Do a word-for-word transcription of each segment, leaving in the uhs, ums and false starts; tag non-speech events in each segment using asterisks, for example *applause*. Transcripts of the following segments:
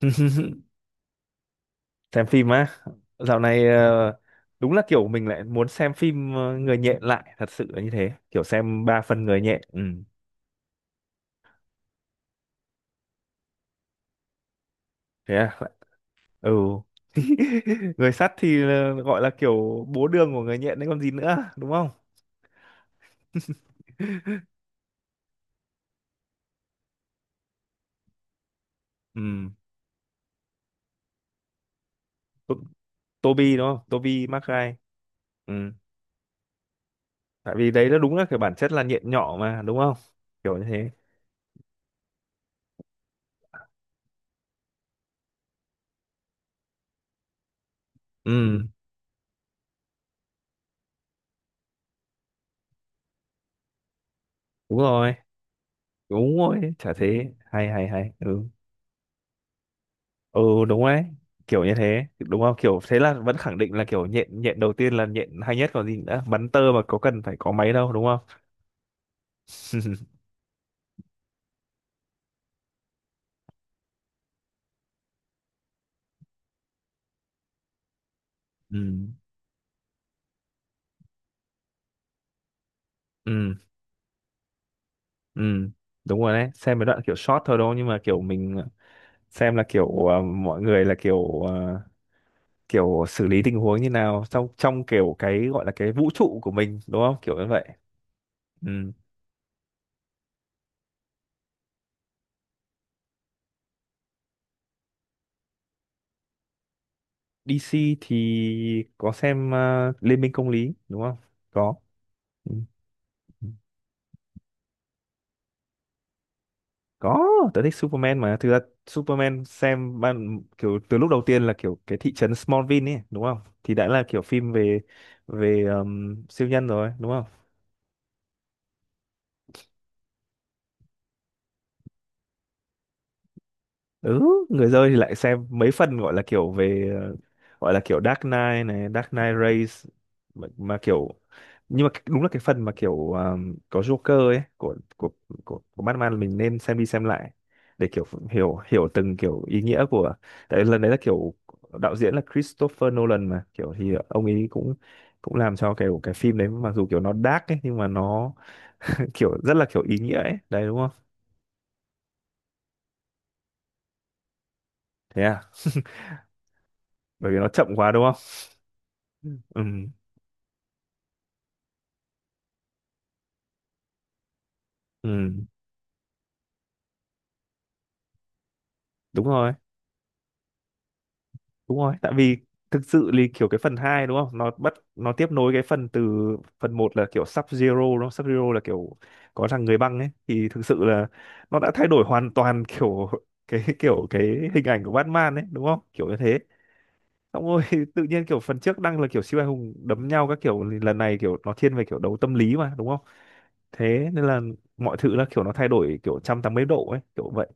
*laughs* Xem phim á. Dạo này ờ, đúng là kiểu mình lại muốn xem phim ờ, người nhện, lại thật sự là như thế, kiểu xem ba phần người nhện. Ừ, thế à. Ừ. *laughs* Người sắt thì ờ, gọi là kiểu bố đường của người nhện đấy còn gì nữa, đúng không? *laughs* Ừ. To- Toby đúng không, Toby Maguire. Ừ, tại vì đấy nó đúng là kiểu bản chất là nhện nhỏ mà, đúng không? Kiểu như thế. Ừ, đúng rồi, đúng rồi, chả thế, hay hay hay. Ừ, ừ, đúng đấy. Kiểu như thế đúng không, kiểu thế là vẫn khẳng định là kiểu nhện, nhện đầu tiên là nhện hay nhất còn gì nữa, bắn tơ mà có cần phải có máy đâu, đúng không? *laughs* Ừ, ừ, ừ, đúng rồi đấy, xem mấy đoạn kiểu short thôi đâu nhưng mà kiểu mình xem là kiểu ờ, mọi người là kiểu ờ, kiểu xử lý tình huống như nào trong trong kiểu cái gọi là cái vũ trụ của mình đúng không kiểu như vậy. Ừ. đê xê thì có xem ờ, Liên minh công lý đúng không, có. Ừ. Ừ. Có, tớ thích Superman mà thực ra. Superman xem ban kiểu từ lúc đầu tiên là kiểu cái thị trấn Smallville ấy đúng không, thì đã là kiểu phim về về um, siêu nhân rồi đúng không. Ừ, người chơi thì lại xem mấy phần gọi là kiểu về ờ, gọi là kiểu Dark Knight này, Dark Knight Race, mà, mà kiểu, nhưng mà cái- đúng là cái phần mà kiểu ờ, có Joker ấy của của của, của Batman, mình nên xem đi xem lại để kiểu hiểu hiểu từng kiểu ý nghĩa của. Tại lần đấy là kiểu đạo diễn là Christopher Nolan mà kiểu thì ông ấy cũng cũng làm cho kiểu cái phim đấy mặc dù kiểu nó dark ấy nhưng mà nó *laughs* kiểu rất là kiểu ý nghĩa ấy đấy đúng không. Thế à, bởi vì nó chậm quá đúng không. Ừ, ừ, đúng rồi, đúng rồi, tại vì thực sự thì kiểu cái phần hai đúng không, nó bắt nó tiếp nối cái phần từ phần một là kiểu Sub Zero đúng không, Sub Zero là kiểu có thằng người băng ấy, thì thực sự là nó đã thay đổi hoàn toàn. *laughs* Kiểu cái kiểu cái hình ảnh của Batman ấy đúng không, kiểu như thế. Xong rồi *laughs* tự nhiên kiểu phần trước đang là kiểu siêu anh hùng đấm nhau các kiểu thì lần này kiểu nó thiên về kiểu đấu tâm lý mà đúng không. Thế nên là mọi thứ là kiểu nó thay đổi kiểu một trăm tám mươi độ ấy kiểu vậy.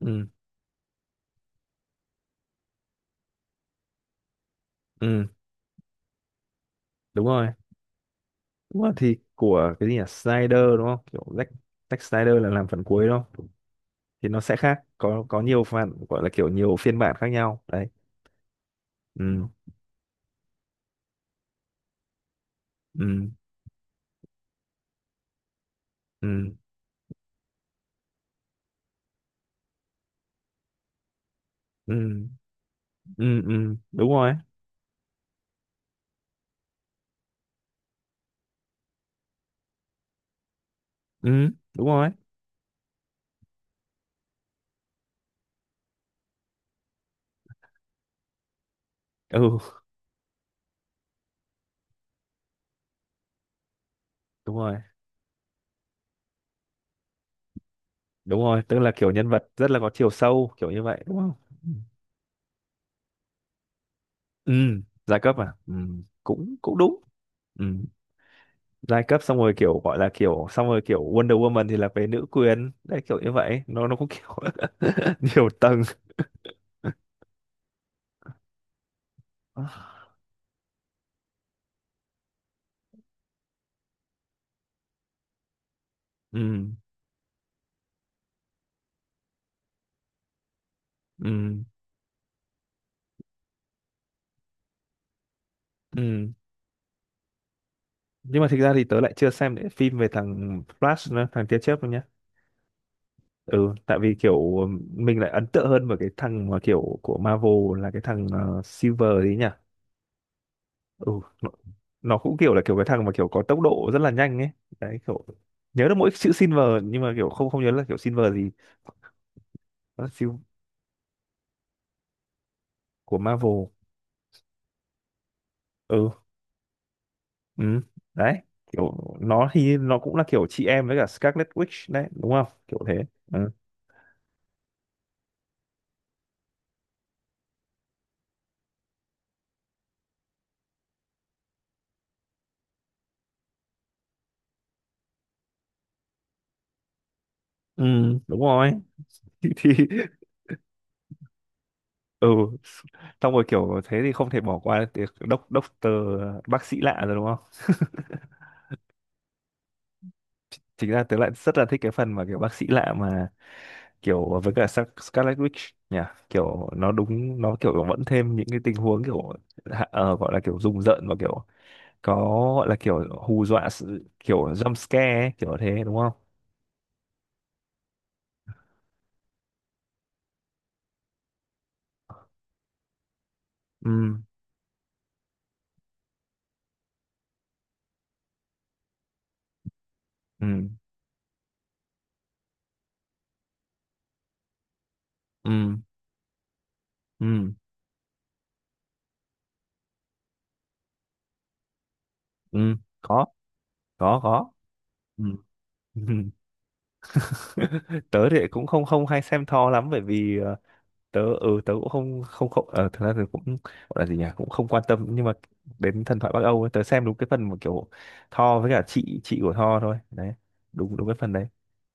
Ừ, ừ, đúng rồi. Đúng rồi, thì của cái gì nhỉ, Snyder đúng không, kiểu Zack, Zack Snyder là làm phần cuối đúng không, thì nó sẽ khác, có có nhiều phần gọi là kiểu nhiều phiên bản khác nhau đấy. Ừ, ừ, ừ, ừ, ừ, ừ, đúng rồi. Ừ, đúng rồi. Ừ, đúng rồi, đúng rồi, tức là kiểu nhân vật rất là có chiều sâu kiểu như vậy đúng không. Ừ. Ừ, giai cấp à, ừ, cũng cũng đúng. Ừ, giai cấp xong rồi kiểu gọi là kiểu xong rồi kiểu Wonder Woman thì là về nữ quyền đấy kiểu như vậy, nó nó cũng kiểu *laughs* nhiều tầng. À, ừ, ừ, ừ, nhưng mà thực ra thì tớ lại chưa xem những phim về thằng Flash nữa, thằng tia chớp luôn nhá. Ừ, tại vì kiểu um, mình lại ấn tượng hơn với cái thằng mà kiểu của Marvel là cái thằng ờ, Silver đấy nhỉ. Ừ, nó, nó cũng kiểu là kiểu cái thằng mà kiểu có tốc độ rất là nhanh ấy, đấy kiểu nhớ được mỗi chữ Silver nhưng mà kiểu không không nhớ là kiểu Silver gì. Nó là siêu. Của Marvel. Ừ, ừ, đấy kiểu nó thì nó cũng là kiểu chị em với cả Scarlet Witch đấy đúng không kiểu thế. Ừ. Ừ, đúng rồi. *laughs* Thì, thì ừ, xong rồi kiểu thế thì không thể bỏ qua việc đốc doctor, bác sĩ lạ rồi đúng không? Chính ra tớ lại rất là thích cái phần mà kiểu bác sĩ lạ mà kiểu với cả Scar- Scarlet Witch nhỉ, kiểu nó đúng nó kiểu vẫn thêm những cái tình huống kiểu hạ- ờ, gọi là kiểu rùng rợn và kiểu có, gọi là kiểu hù dọa sự kiểu jump scare ấy, kiểu thế đúng không? Ừ, ừ, ừ, ừ, ừ, có, có, có. Ừ. *laughs* *laughs* Tớ thì cũng không không hay xem Thor lắm bởi vì ờ, tớ, ừ, tớ cũng không không không ờ, thực ra thì cũng gọi là gì nhỉ cũng không quan tâm nhưng mà đến thần thoại Bắc Âu ấy, tớ xem đúng cái phần mà kiểu Thor với cả chị chị của Thor thôi đấy, đúng đúng cái phần đấy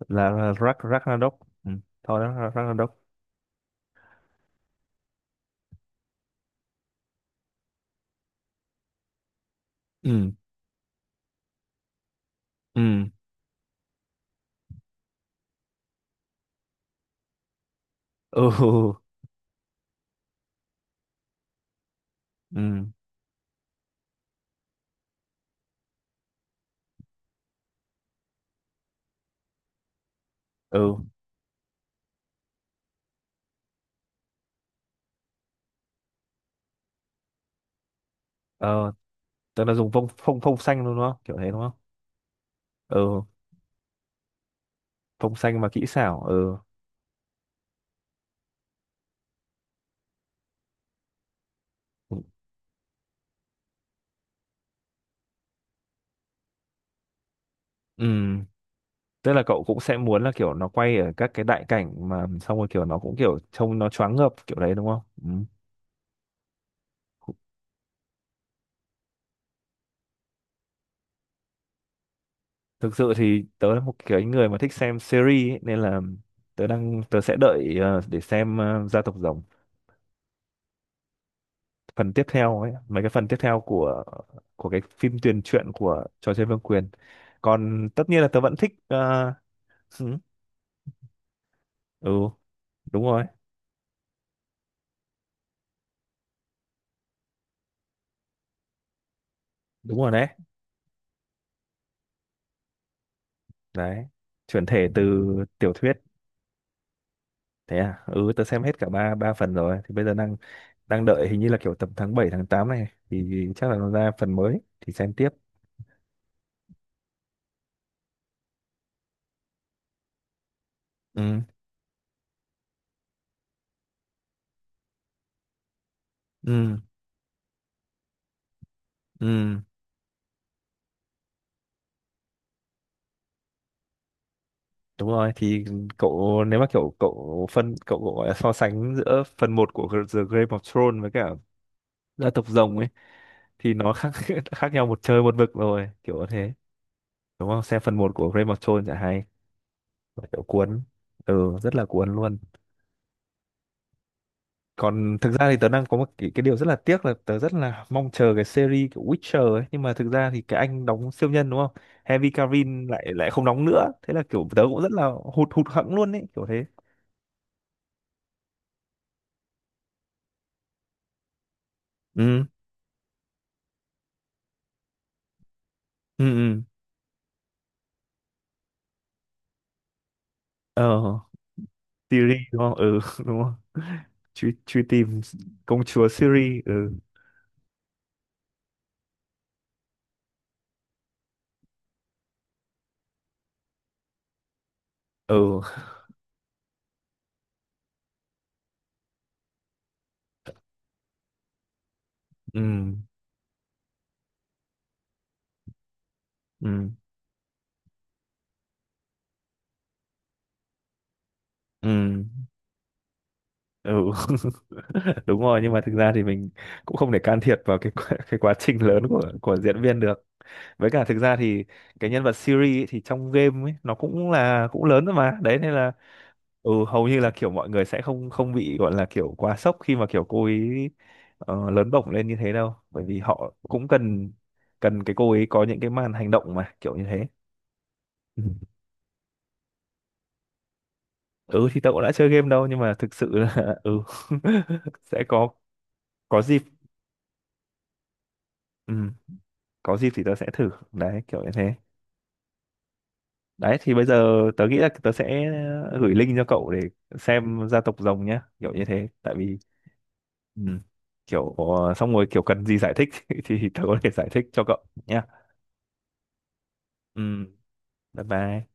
là, là Rag- Ragnarok. Ừ. Thor Rag- Ragnarok. Ừ, ừ, ừ, ừ, ừ, ờ tớ là dùng phông phông phông xanh luôn đúng không kiểu thế đúng không. Ừ, phông xanh mà kỹ xảo. Ừ, ừ, tức là cậu cũng sẽ muốn là kiểu nó quay ở các cái đại cảnh mà xong rồi kiểu nó cũng kiểu trông nó choáng ngợp kiểu đấy đúng không. Ừ. Thực sự thì tớ là một cái người mà thích xem series ấy, nên là tớ đang, tớ sẽ đợi ờ, để xem ờ, gia tộc rồng phần tiếp theo ấy, mấy cái phần tiếp theo của của cái phim tiền truyện của trò chơi vương quyền. Còn tất nhiên là tớ vẫn thích ờ, ừ, ừ, đúng rồi, đúng rồi đấy đấy, chuyển thể từ tiểu thuyết. Thế à? Ừ, tớ xem hết cả ba ba phần rồi thì bây giờ đang đang đợi hình như là kiểu tầm tháng bảy tháng tám này thì chắc là nó ra phần mới thì xem tiếp. Ừ, ừ, ừ, đúng rồi thì cậu nếu mà kiểu cậu phân cậu, cậu gọi là so sánh giữa phần một của The Game of Thrones với cả gia tộc rồng ấy thì nó khác *laughs* khác nhau một trời một vực rồi kiểu như thế đúng không, xem phần một của Game of Thrones chả hay, kiểu cuốn, ừ rất là cuốn luôn. Còn thực ra thì tớ đang có một cái, cái điều rất là tiếc là tớ rất là mong chờ cái series kiểu Witcher ấy nhưng mà thực ra thì cái anh đóng siêu nhân đúng không, Henry Cavill lại lại không đóng nữa thế là kiểu tớ cũng rất là hụt hụt hẫng luôn ấy kiểu thế. Ừ, ừ, ừ, ờ Siri đúng không ừ *laughs* đúng không, truy truy tìm công chúa Siri. Ừ, ừ, ừ, ừ, ừ, ừ. *laughs* Đúng rồi nhưng mà thực ra thì mình cũng không thể can thiệp vào cái quá- cái quá trình lớn của của diễn viên được. Với cả thực ra thì cái nhân vật Siri ấy, thì trong game ấy nó cũng là cũng lớn rồi mà đấy nên là. Ừ, hầu như là kiểu mọi người sẽ không không bị gọi là kiểu quá sốc khi mà kiểu cô ấy ờ, lớn bổng lên như thế đâu bởi vì họ cũng cần cần cái cô ấy có những cái màn hành động mà kiểu như thế. Ừ. Ừ, thì tớ cũng đã chơi game đâu nhưng mà thực sự là *laughs* ừ. *laughs* Sẽ có có dịp. Ừ, có dịp thì tớ sẽ thử đấy kiểu như thế. Đấy thì bây giờ tớ nghĩ là tớ sẽ gửi link cho cậu để xem gia tộc rồng nhá kiểu như thế tại vì ừ, kiểu ờ, xong rồi kiểu cần gì giải thích *laughs* thì tớ có thể giải thích cho cậu nhá. Ừ, bye bye.